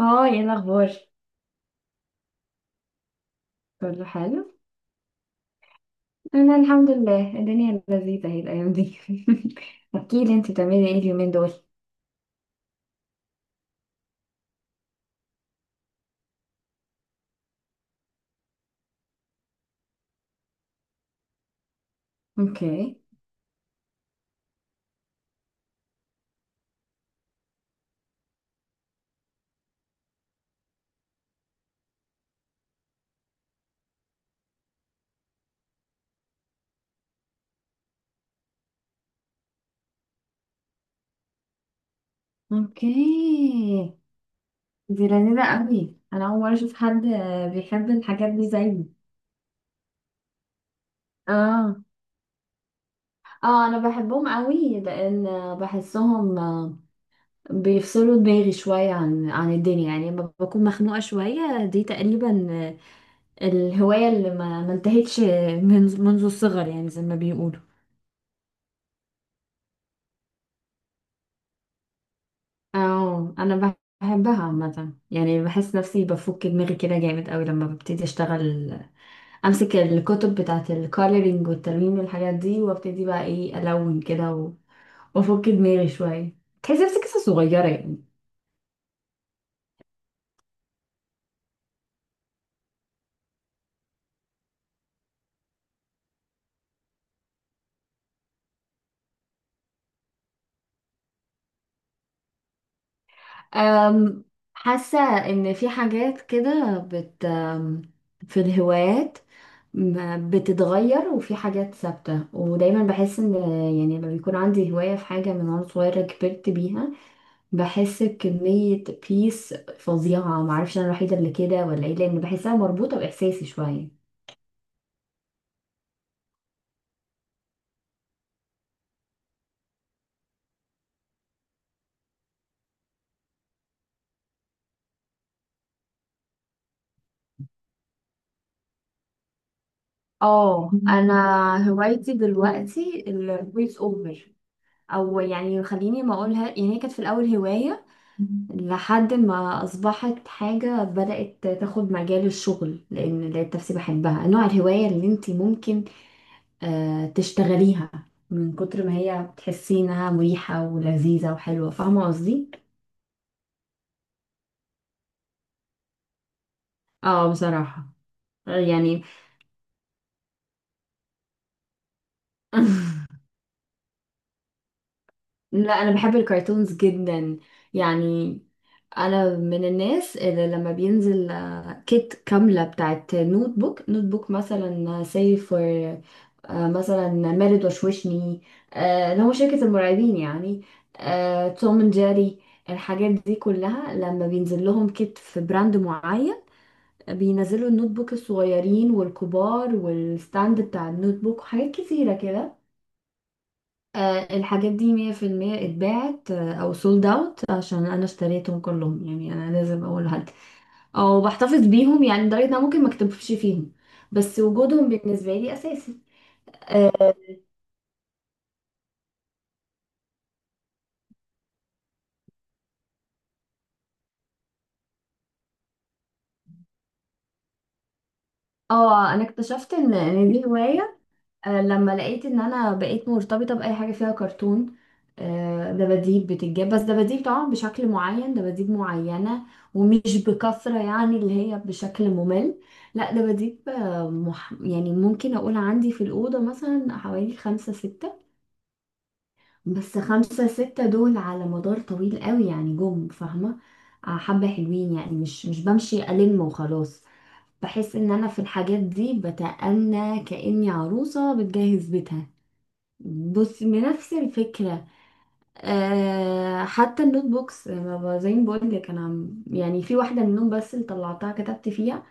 اه، ايه الاخبار؟ كله حلو. انا الحمد لله الدنيا لذيذه اهي الايام دي. احكي لي انت بتعملي ايه اليومين دول؟ اوكي. اوكي، دي لذيذه قوي. انا اول مره اشوف حد بيحب الحاجات دي زيي. اه، اه، انا بحبهم قوي لان بحسهم بيفصلوا دماغي شويه عن الدنيا، يعني لما بكون مخنوقه شويه دي تقريبا. الهوايه اللي ما انتهتش، من منذ الصغر يعني زي ما بيقولوا. اه، انا بحبها عامه يعني، بحس نفسي بفك دماغي كده جامد قوي لما ببتدي اشتغل، امسك الكتب بتاعه الكولرينج والتلوين والحاجات دي وابتدي بقى ايه الون كده وافك دماغي شويه، تحس نفسي قصه صغيره يعني. أم حاسه ان في حاجات كده بت أم، في الهوايات، بتتغير، وفي حاجات ثابته، ودايما بحس ان، يعني لما بيكون عندي هوايه في حاجه من وانا صغيره كبرت بيها بحس بكمية بيس فظيعة. معرفش أنا الوحيدة اللي كده ولا إيه، لأن بحسها مربوطة بإحساسي شوية. اه، انا هوايتي دلوقتي الفويس اوفر. او يعني خليني ما اقولها، يعني هي كانت في الاول هواية لحد ما اصبحت حاجة بدأت تاخد مجال الشغل، لان لقيت نفسي بحبها، نوع الهواية اللي انت ممكن تشتغليها من كتر ما هي بتحسي انها مريحة ولذيذة وحلوة. فاهمة قصدي؟ اه، بصراحة يعني. لا، انا بحب الكرتونز جدا يعني. انا من الناس اللي لما بينزل كيت كامله بتاعت نوت بوك، نوت بوك مثلا سي فور، مثلا مارد وشوشني، اللي هو شركه المرعبين يعني، توم اند جيري، الحاجات دي كلها لما بينزل لهم كيت في براند معين، بينزلوا النوت بوك الصغيرين والكبار والستاند بتاع النوت بوك وحاجات كتيره كده. الحاجات دي مية في المية اتباعت، أو سولد أوت، عشان أنا اشتريتهم كلهم. يعني أنا لازم أقول حد، أو بحتفظ بيهم، يعني لدرجة إن أنا ممكن مكتبش فيهم بس وجودهم بالنسبة لي أساسي. اه. أنا اكتشفت إن دي هواية، لما لقيت ان انا بقيت مرتبطه باي حاجه فيها كرتون. دباديب بتتجاب، بس دباديب طبعا بشكل معين، دباديب معينه ومش بكثره يعني اللي هي بشكل ممل. لا، دباديب يعني ممكن اقول عندي في الاوضه مثلا حوالي خمسة ستة، بس خمسة ستة دول على مدار طويل قوي يعني، جم فاهمه. حبه حلوين يعني، مش بمشي الم وخلاص. بحس ان انا في الحاجات دي بتأنى كأني عروسه بتجهز بيتها. بص، من نفس الفكرة. أه، حتى النوت بوكس زي ما بقول لك انا يعني في واحدة منهم بس اللي طلعتها كتبت فيها،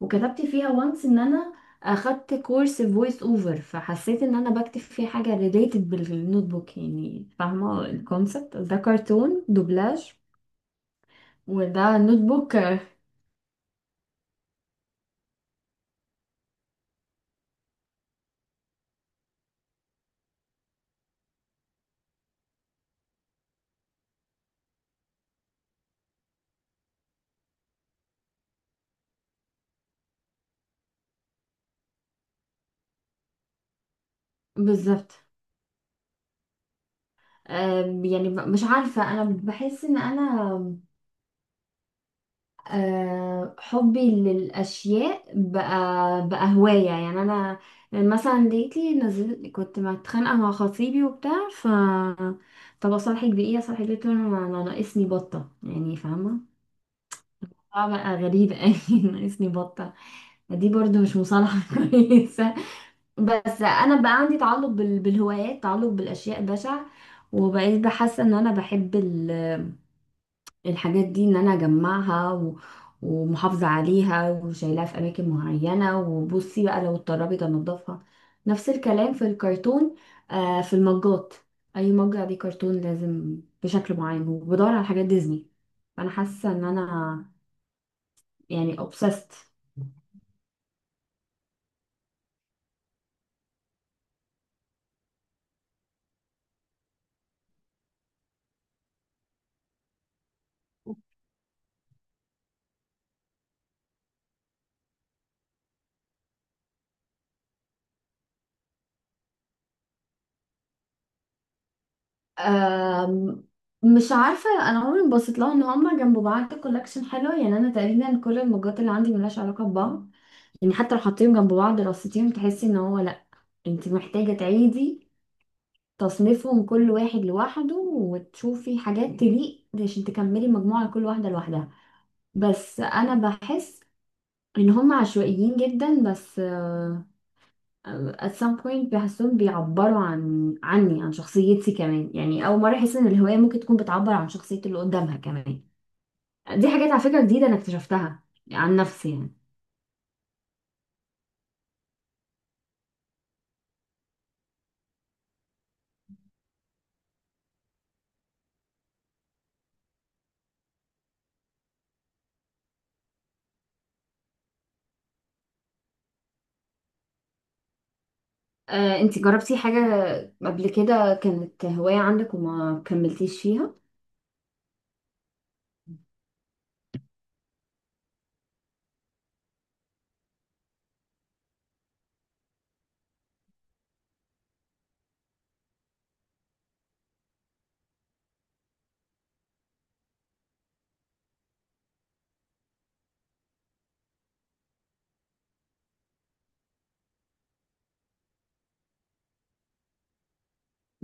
وكتبت فيها وانس ان انا اخدت كورس فويس اوفر، فحسيت ان انا بكتب فيه حاجة ريليتد بالنوت بوك. يعني فاهمة الكونسبت ده؟ كرتون دوبلاج وده نوت بوك. بالظبط. أه يعني مش عارفة، انا بحس ان انا حبي للأشياء بقى هواية يعني. أنا مثلا ديتي نزلت كنت متخانقة مع خطيبي وبتاع، طب أصالحك بإيه، أصالحك بإيه، قلت له أنا ناقصني بطة يعني، فاهمة؟ اه، بقى غريبة أوي، ناقصني بطة. دي برضو مش مصالحة كويسة. بس أنا بقى عندي تعلق بالهوايات، تعلق بالأشياء بشع، وبقيت بحس إن أنا بحب الحاجات دي، ان انا اجمعها و... ومحافظة عليها وشايلاها في اماكن معينة، وبصي بقى لو اتطربت انضفها. نفس الكلام في الكرتون، في المجات. اي مج عليه كرتون لازم بشكل معين، وبدور على حاجات ديزني. فانا حاسة ان انا يعني obsessed. آم، مش عارفة، أنا عمري ما بصيت لها إن هما جنب بعض كولكشن حلوة. يعني أنا تقريبا كل المجات اللي عندي ملهاش علاقة ببعض، يعني حتى لو حطيتهم جنب بعض رصيتيهم تحسي إن هو انت محتاجة تعيدي تصنيفهم كل واحد لوحده وتشوفي حاجات تليق عشان تكملي مجموعة لكل واحدة لوحدها. بس أنا بحس إن هم عشوائيين جدا، بس at some point بحسهم بيعبروا عن عني، عن شخصيتي كمان. يعني أول مرة أحس إن الهواية ممكن تكون بتعبر عن شخصية اللي قدامها كمان. دي حاجات على فكرة جديدة أنا اكتشفتها عن نفسي يعني. انت جربتي حاجة قبل كده كانت هواية عندك وما كملتيش فيها؟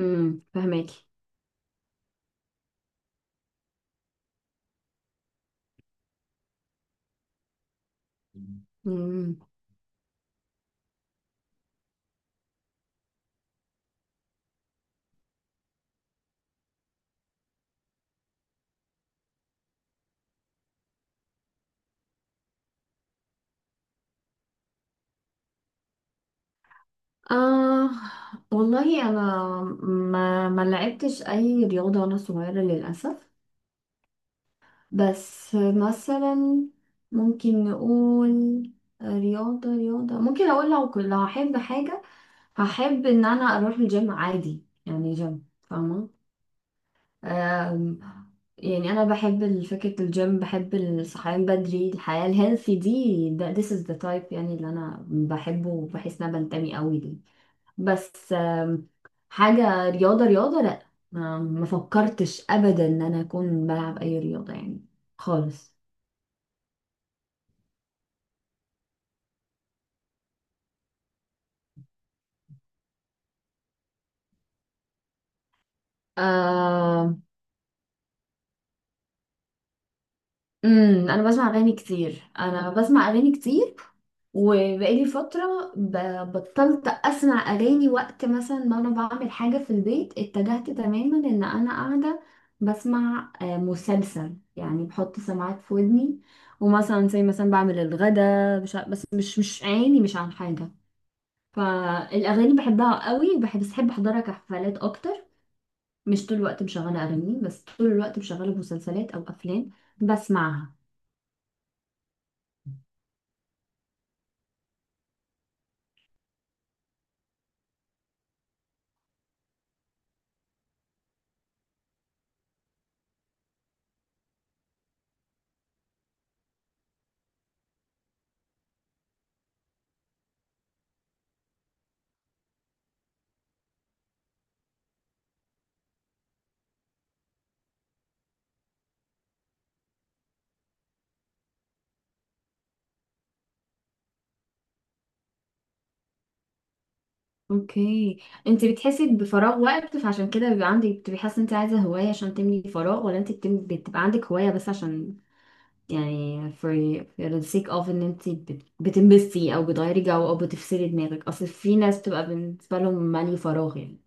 فهماكي. مم. آه، والله أنا ما لعبتش أي رياضة وأنا صغيرة للأسف. بس مثلا ممكن نقول رياضة رياضة، ممكن أقول لو هحب حاجة هحب إن أنا أروح الجيم عادي يعني، جيم فاهمة. آم، يعني أنا بحب فكرة الجيم، بحب الصحيان بدري، الحياة الهيلثي دي، ده this is the type يعني اللي أنا بحبه وبحس إن أنا بنتمي قوي ليه. بس حاجة رياضة رياضة لا، ما فكرتش ابدا ان انا اكون بلعب اي رياضة يعني، خالص. آم، انا بسمع اغاني كتير. وبقالي فترة بطلت اسمع اغاني. وقت مثلا ما انا بعمل حاجة في البيت اتجهت تماما ان انا قاعدة بسمع مسلسل يعني، بحط سماعات في ودني، ومثلا زي مثلا بعمل الغدا مش ع- بس مش عيني مش عن حاجة. فالاغاني بحبها قوي، بس بحب احضرها كحفلات اكتر. مش طول الوقت مشغله اغاني، بس طول الوقت مشغله مسلسلات او افلام بسمعها. اوكي، انت بتحسي بفراغ وقت فعشان كده بيبقى عندك، بتبقي حاسه انت عايزه هوايه عشان تملي فراغ، ولا انت بتبقى عندك هوايه بس عشان يعني for the sake of ان انت بتنبسطي او بتغيري جو او بتفصلي دماغك؟ اصل في ناس بتبقى بالنسبه لهم مالي فراغ يعني.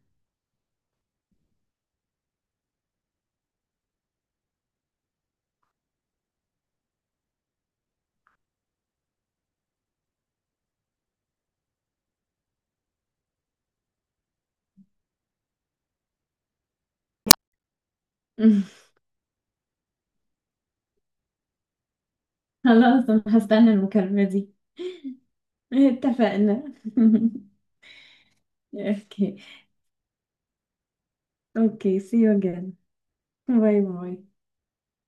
خلاص، انا هستنى المكالمة دي. اتفقنا. Okay. Okay. See you again. Bye bye.